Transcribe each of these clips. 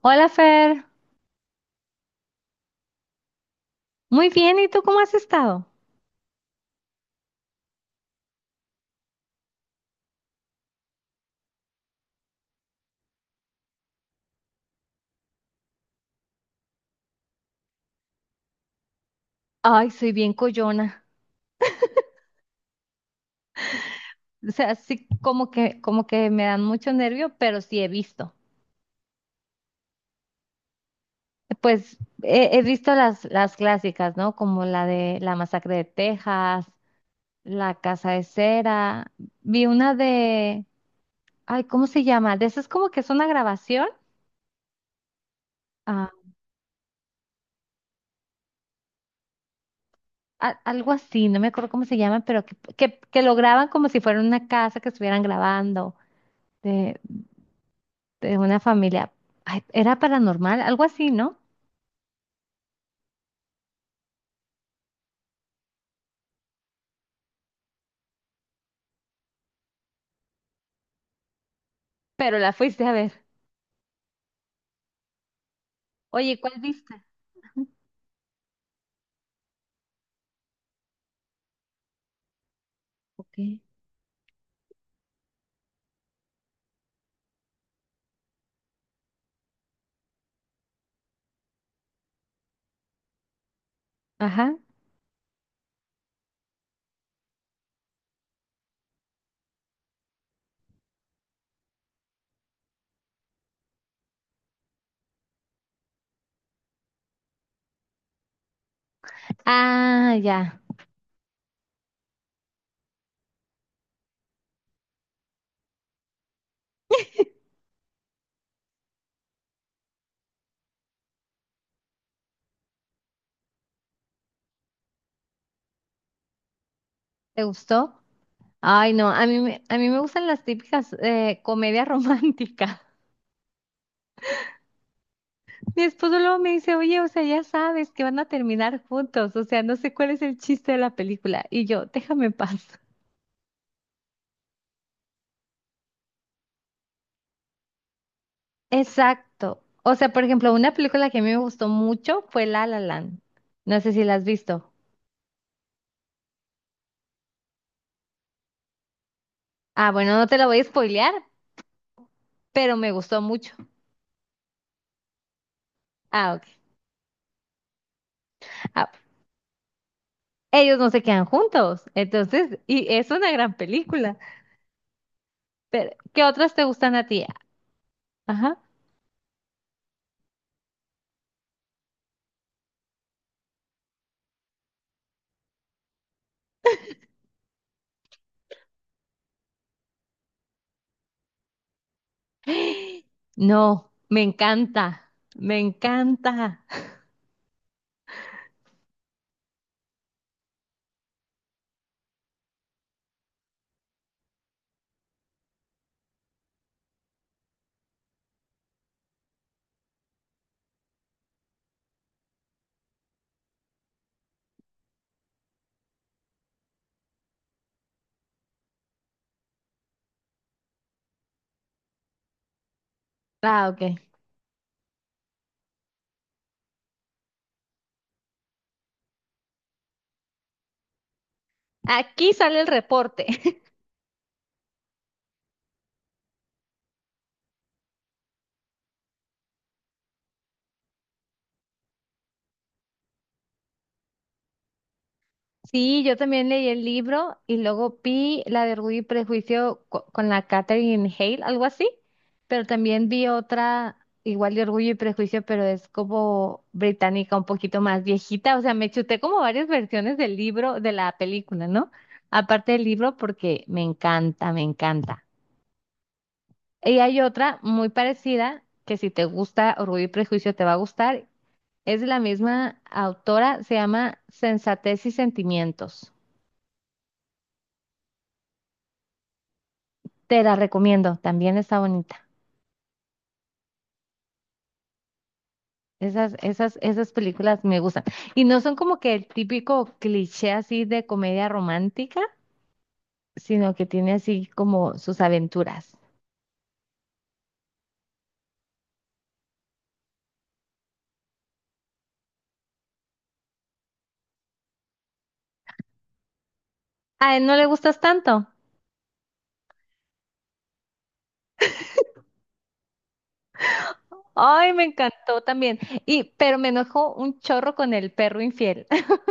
Hola Fer, muy bien, ¿y tú cómo has estado? Ay, soy bien coyona, o sea, sí como que me dan mucho nervio, pero sí he visto. Pues he visto las clásicas, ¿no? Como la de La Masacre de Texas, La Casa de Cera, vi una de, ay, ¿cómo se llama? De esas como que es una grabación, ah, algo así, no me acuerdo cómo se llama, pero que lo graban como si fuera una casa que estuvieran grabando. De una familia. Ay, era paranormal, algo así, ¿no? Pero la fuiste a ver. Oye, ¿cuál viste? Ok. Ajá. Ah, ya. ¿Te gustó? Ay, no, a mí, a mí me gustan las típicas comedias románticas. Mi esposo luego me dice, oye, o sea, ya sabes que van a terminar juntos, o sea, no sé cuál es el chiste de la película. Y yo, déjame en paz. Exacto. O sea, por ejemplo, una película que a mí me gustó mucho fue La La Land. No sé si la has visto. Ah, bueno, no te la voy a spoilear, pero me gustó mucho. Ah, ok. Ah, ellos no se quedan juntos, entonces, y es una gran película. Pero, ¿qué otras te gustan a ti? Ajá. No, me encanta, me encanta. Ah, ok. Aquí sale el reporte. Sí, yo también leí el libro y luego vi la de Orgullo y Prejuicio con la Catherine Hale, algo así, pero también vi otra igual de Orgullo y Prejuicio, pero es como británica, un poquito más viejita, o sea, me chuté como varias versiones del libro, de la película, ¿no? Aparte del libro porque me encanta, me encanta. Y hay otra muy parecida que si te gusta Orgullo y Prejuicio te va a gustar, es de la misma autora, se llama Sensatez y Sentimientos. Te la recomiendo, también está bonita. Esas películas me gustan. Y no son como que el típico cliché así de comedia romántica, sino que tiene así como sus aventuras. A él no le gustas tanto. Ay, me encantó también. Y, pero me enojó un chorro con el perro infiel.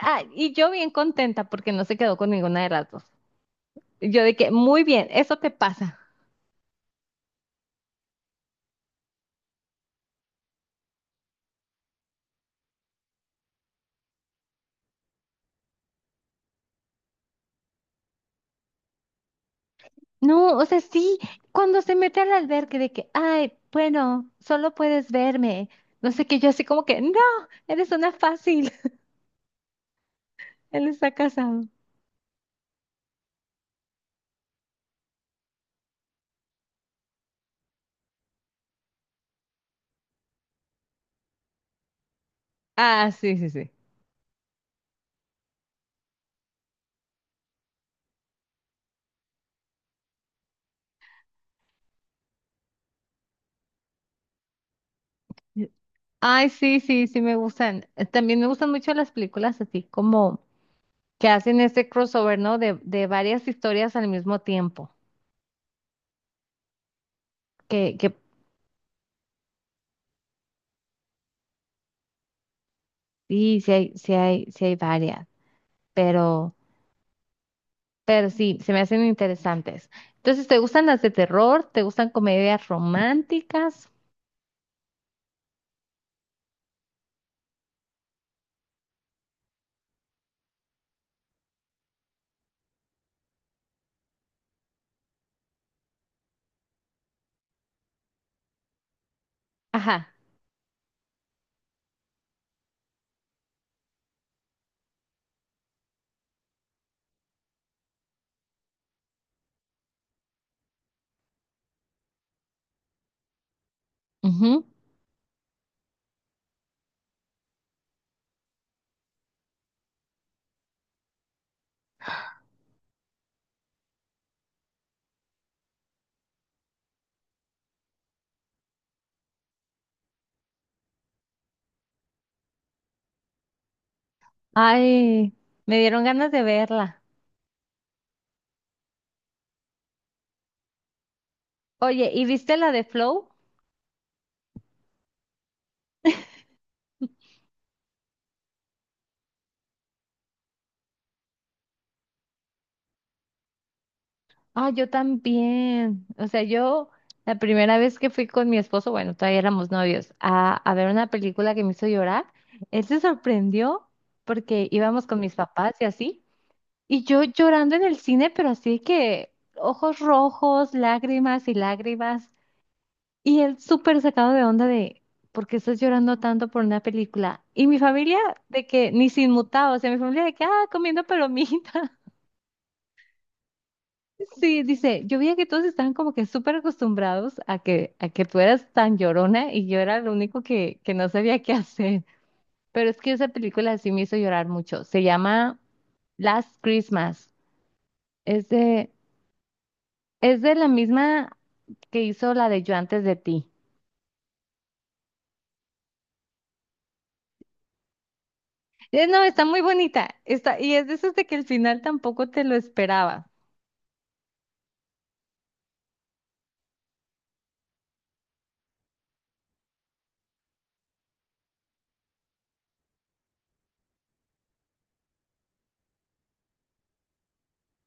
Ah, y yo bien contenta porque no se quedó con ninguna de las dos. Yo de que, muy bien, eso te pasa. No, o sea, sí, cuando se mete al albergue de que, ay, bueno, solo puedes verme. No sé qué, yo así como que, no, eres una fácil. Él está casado. Ah, sí, sí, sí. Ay, sí, sí, sí me gustan. También me gustan mucho las películas así como que hacen este crossover, ¿no? De varias historias al mismo tiempo. Que sí, sí hay varias, pero, pero sí, se me hacen interesantes. Entonces, ¿te gustan las de terror? ¿Te gustan comedias románticas? Ajá. Ujú. Ay, me dieron ganas de verla. Oye, ¿y viste la de Flow? Ah, yo también. O sea, yo la primera vez que fui con mi esposo, bueno, todavía éramos novios, a ver una película que me hizo llorar, él se sorprendió porque íbamos con mis papás y así, y yo llorando en el cine, pero así que ojos rojos, lágrimas y lágrimas. Y él súper sacado de onda de, ¿por qué estás llorando tanto por una película? Y mi familia de que, ni sin mutado, o sea, mi familia de que, ah, comiendo palomita. Sí, dice, yo veía que todos estaban como que súper acostumbrados a que tú eras tan llorona y yo era lo único que no sabía qué hacer. Pero es que esa película sí me hizo llorar mucho. Se llama Last Christmas. Es de, es de la misma que hizo la de Yo antes de ti. No, está muy bonita. Está, y es de esos de que el final tampoco te lo esperaba.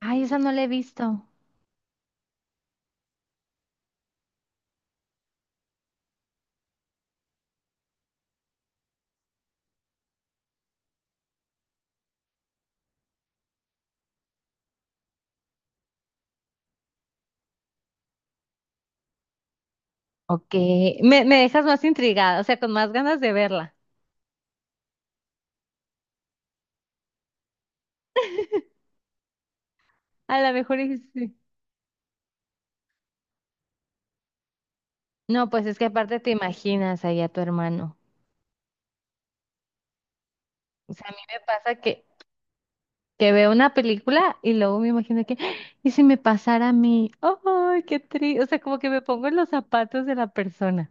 Ay, esa no la he visto. Ok, me dejas más intrigada, o sea, con más ganas de verla. A lo mejor y sí. No, pues es que aparte te imaginas ahí a tu hermano. O sea, a mí me pasa que veo una película y luego me imagino que, ¡Ah! ¿Y si me pasara a mí? ¡Ay, qué triste! O sea, como que me pongo en los zapatos de la persona.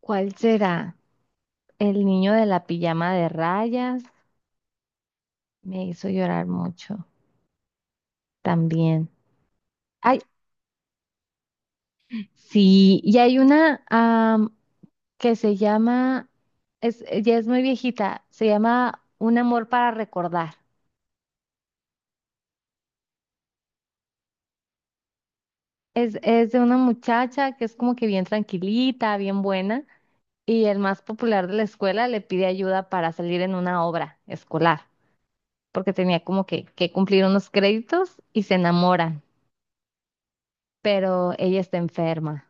¿Cuál será? El niño de la pijama de rayas me hizo llorar mucho también. Ay, sí, y hay una am, que se llama, es, ya es muy viejita, se llama Un amor para recordar. Es de una muchacha que es como que bien tranquilita, bien buena, y el más popular de la escuela le pide ayuda para salir en una obra escolar, porque tenía como que cumplir unos créditos y se enamoran, pero ella está enferma.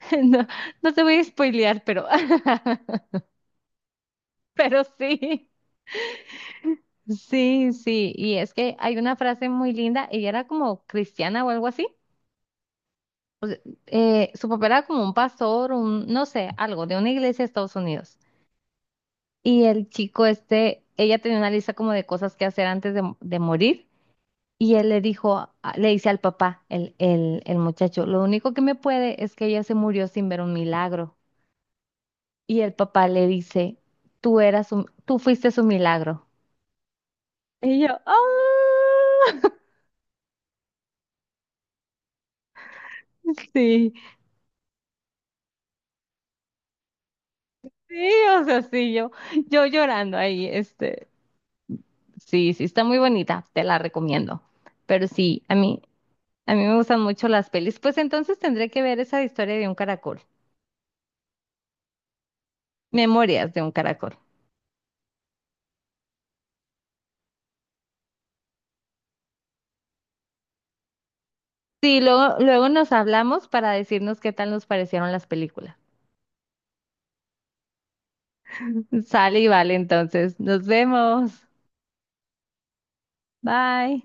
No, no te voy a spoilear, pero, pero sí. Sí, sí, y es que hay una frase muy linda, ella era como cristiana o algo así, su papá era como un pastor, un, no sé, algo de una iglesia de Estados Unidos, y el chico este, ella tenía una lista como de cosas que hacer antes de morir, y él le dijo, le dice al papá, el muchacho, lo único que me puede es que ella se murió sin ver un milagro, y el papá le dice, tú eras un, tú fuiste su milagro, y yo, ¡ah! Sí, Sí, o sea, sí, yo llorando ahí, este, sí, sí, está muy bonita, te la recomiendo. Pero sí, a mí me gustan mucho las pelis. Pues entonces tendré que ver esa historia de un caracol, Memorias de un caracol. Sí, luego, luego nos hablamos para decirnos qué tal nos parecieron las películas. Sale y vale, entonces, nos vemos. Bye.